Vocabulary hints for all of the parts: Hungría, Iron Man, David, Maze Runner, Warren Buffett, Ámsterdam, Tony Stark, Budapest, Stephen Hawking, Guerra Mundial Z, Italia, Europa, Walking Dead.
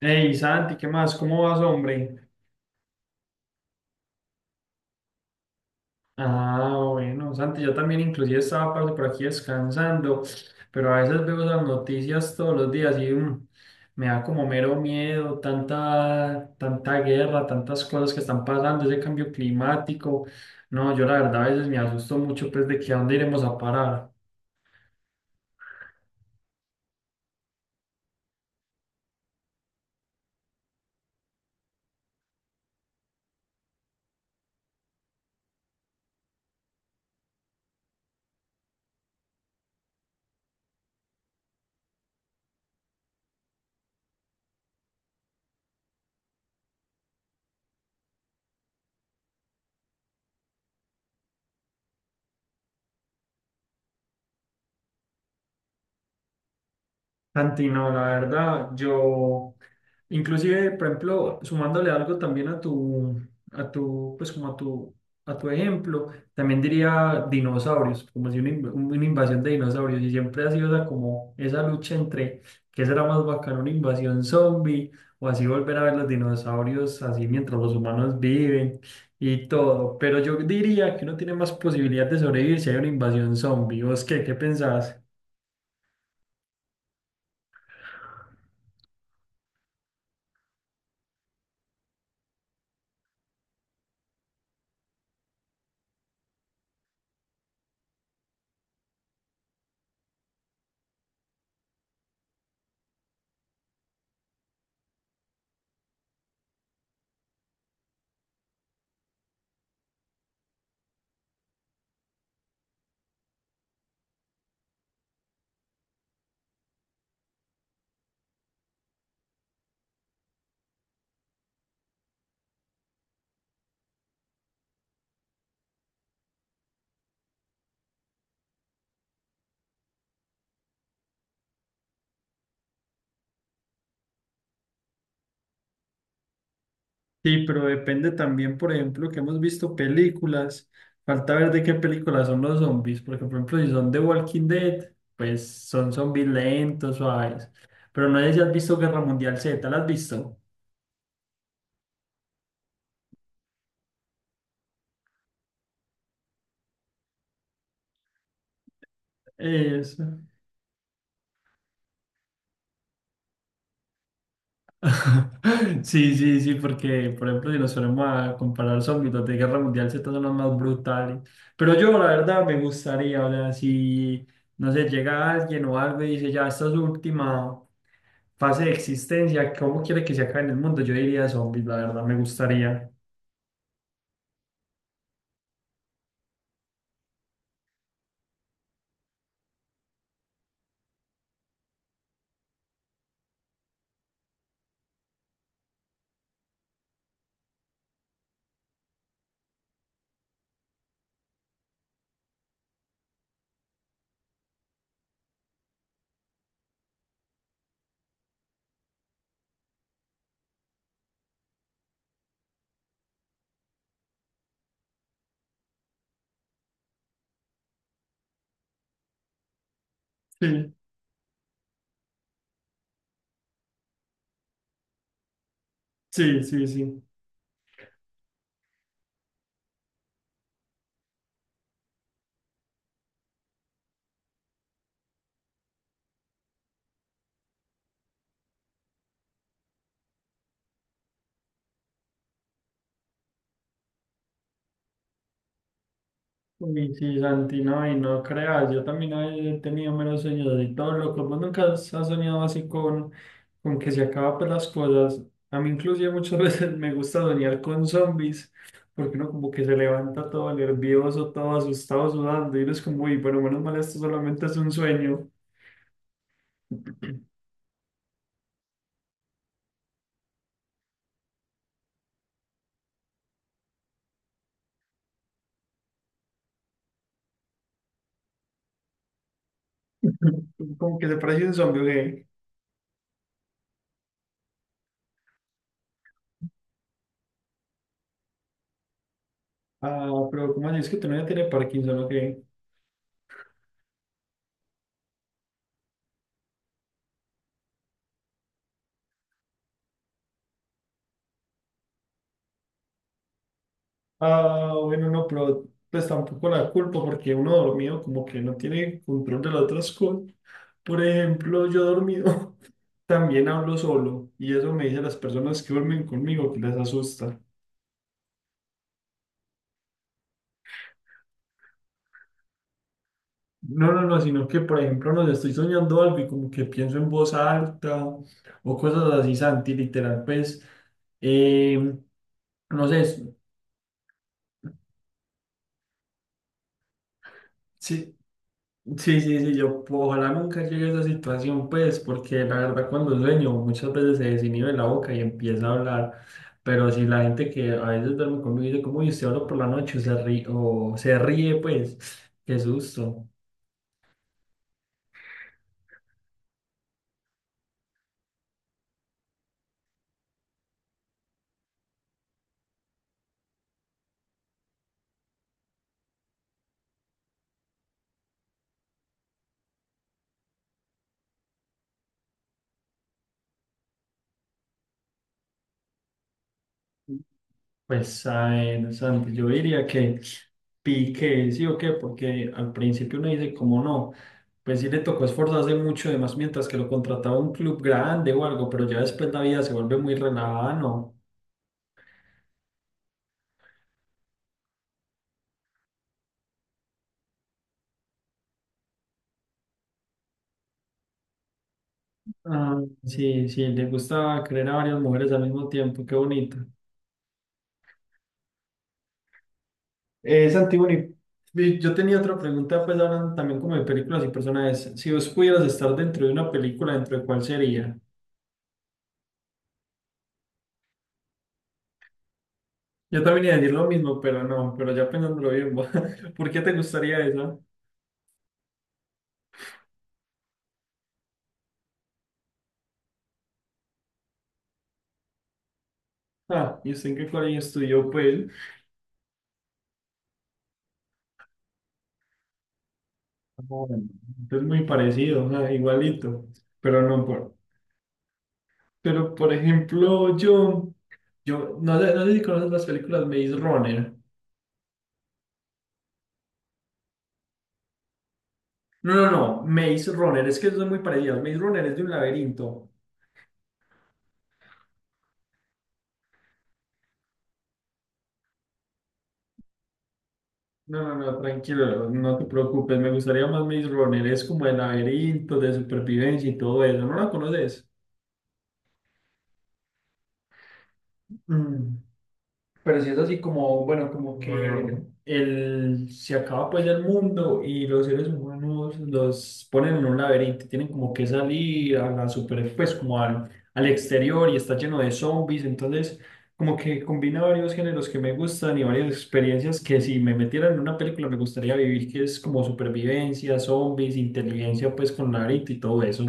Hey, Santi, ¿qué más? ¿Cómo vas, hombre? Ah, bueno, Santi, yo también inclusive estaba parce, por aquí descansando, pero a veces veo las noticias todos los días y me da como mero miedo, tanta guerra, tantas cosas que están pasando, ese cambio climático. No, yo la verdad a veces me asusto mucho pues de que a dónde iremos a parar. Santi, no, la verdad, yo, inclusive, por ejemplo, sumándole algo también a tu, pues como a tu, a tu ejemplo, también diría dinosaurios, como si una, una invasión de dinosaurios, y siempre ha sido esa, como esa lucha entre qué será más bacano, una invasión zombie, o así volver a ver los dinosaurios así mientras los humanos viven y todo, pero yo diría que uno tiene más posibilidad de sobrevivir si hay una invasión zombie, ¿vos qué pensás? Sí, pero depende también, por ejemplo, que hemos visto películas, falta ver de qué películas son los zombies, porque por ejemplo, si son de Walking Dead, pues son zombies lentos, suaves, pero no sé si has visto Guerra Mundial Z, ¿la has visto? Eso. Sí, sí, sí, porque por ejemplo si nos ponemos a comparar zombies, los de Guerra Mundial Z son los más brutales. Pero yo la verdad me gustaría, o sea, si no sé, llega alguien o algo y dice ya esta es su última fase de existencia, ¿cómo quiere que se acabe en el mundo? Yo diría zombies, la verdad, me gustaría. Sí, sí, sí, sí. Uy, sí, Santi, no, y no creas, yo también he tenido menos sueños así todos locos. ¿Vos nunca has soñado así con que se acaban pues, las cosas? A mí inclusive muchas veces me gusta soñar con zombies, porque uno como que se levanta todo nervioso, todo asustado, sudando, y uno es como, uy, pero menos mal esto solamente es un sueño. Como que se parece un zombie, ¿o qué? Ah, pero ¿cómo así? ¿Es que tú no ya tiene Parkinson, o qué? Ah, bueno, no, pero pues tampoco la culpa porque uno dormido como que no tiene control de las otras cosas. Por ejemplo, yo dormido también hablo solo y eso me dicen las personas que duermen conmigo que les asusta. No, no, no, sino que por ejemplo no sé, estoy soñando algo y como que pienso en voz alta o cosas así, Santi, literal, pues, eh, no sé, sí, sí, sí, sí, yo ojalá nunca llegue a esa situación, pues, porque la verdad cuando sueño muchas veces se desinhibe la boca y empieza a hablar, pero si la gente que a veces duerme conmigo dice, como, y usted habla por la noche o se ríe, pues, qué susto. Pues, a ver, Santi, yo diría que pique, sí o qué, porque al principio uno dice, como no, pues sí le tocó esforzarse mucho, además mientras que lo contrataba un club grande o algo, pero ya después la vida se vuelve muy relajada, ¿no? Ah, sí, sí, le gusta querer a varias mujeres al mismo tiempo, qué bonito. Santiboni, yo tenía otra pregunta, pues hablando también como de películas y personajes. Si vos pudieras estar dentro de una película, ¿dentro de cuál sería? Yo también iba a decir lo mismo, pero no, pero ya pensándolo bien, ¿por qué te gustaría esa? Ah, ¿y usted en qué colegio estudió, pues? Ah, bueno, es muy parecido, ah, igualito, pero no, por, pero por ejemplo, yo, no sé, no sé si conoces las películas Maze Runner. No, no, no, Maze Runner, es que son muy parecidas. Maze Runner es de un laberinto. No, no, no, tranquilo, no te preocupes, me gustaría más Maze Runner, es como de laberinto, de supervivencia y todo eso, ¿no la conoces? Mm. Pero si es así como, bueno, como que se acaba pues el mundo y los seres humanos los ponen en un laberinto, tienen como que salir a la super, pues como al exterior y está lleno de zombies, entonces como que combina varios géneros que me gustan y varias experiencias que si me metieran en una película me gustaría vivir, que es como supervivencia, zombies, inteligencia pues con laberinto y todo eso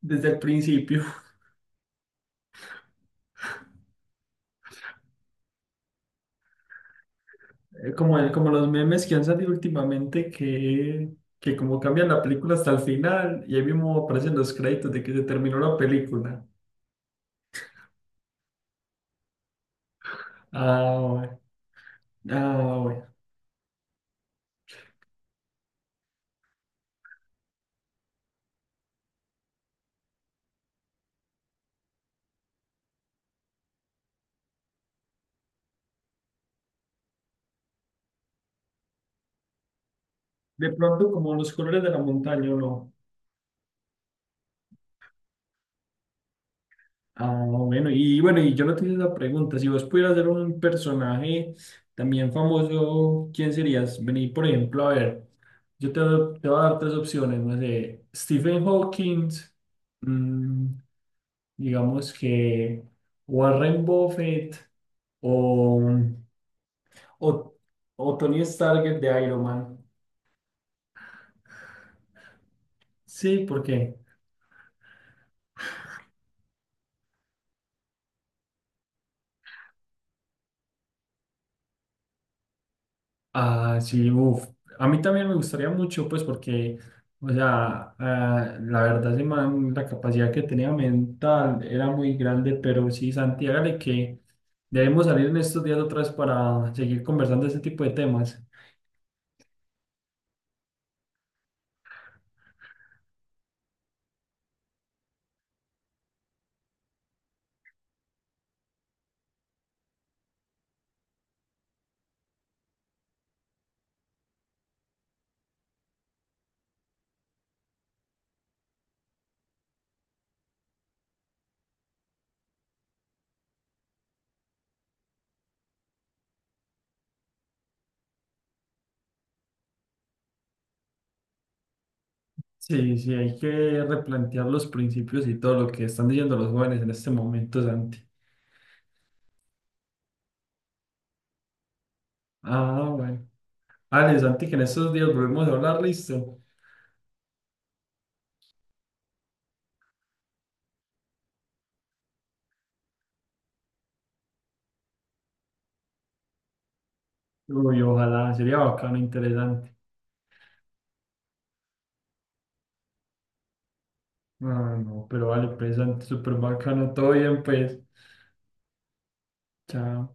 desde el principio. Como, como los memes que han salido últimamente que como cambian la película hasta el final y ahí mismo aparecen los créditos de que se terminó la película. Ah, bueno. Ah, bueno. De pronto como los colores de la montaña, ¿o no? Ah, bueno. Y bueno, y yo no te hice la pregunta. Si vos pudieras ser un personaje también famoso, ¿quién serías? Vení, por ejemplo, a ver, yo te, te voy a dar tres opciones, no sé, Stephen Hawking, mm, digamos que Warren Buffett o, o, o Tony Stark de Iron Man. Sí, porque ah, sí, uf, a mí también me gustaría mucho, pues porque, o sea, ah, la verdad, ese man, la capacidad que tenía mental era muy grande, pero sí, Santi, hágale que debemos salir en estos días otra vez para seguir conversando de este tipo de temas. Sí, sí, hay que replantear los principios y todo lo que están diciendo los jóvenes en este momento, Santi. Ah, bueno. Ale, Santi, que en estos días volvemos a hablar, listo. Uy, ojalá, sería bacano, interesante. Ah, no, pero vale, pues, Santi, súper bacano, todo bien, pues. Chao.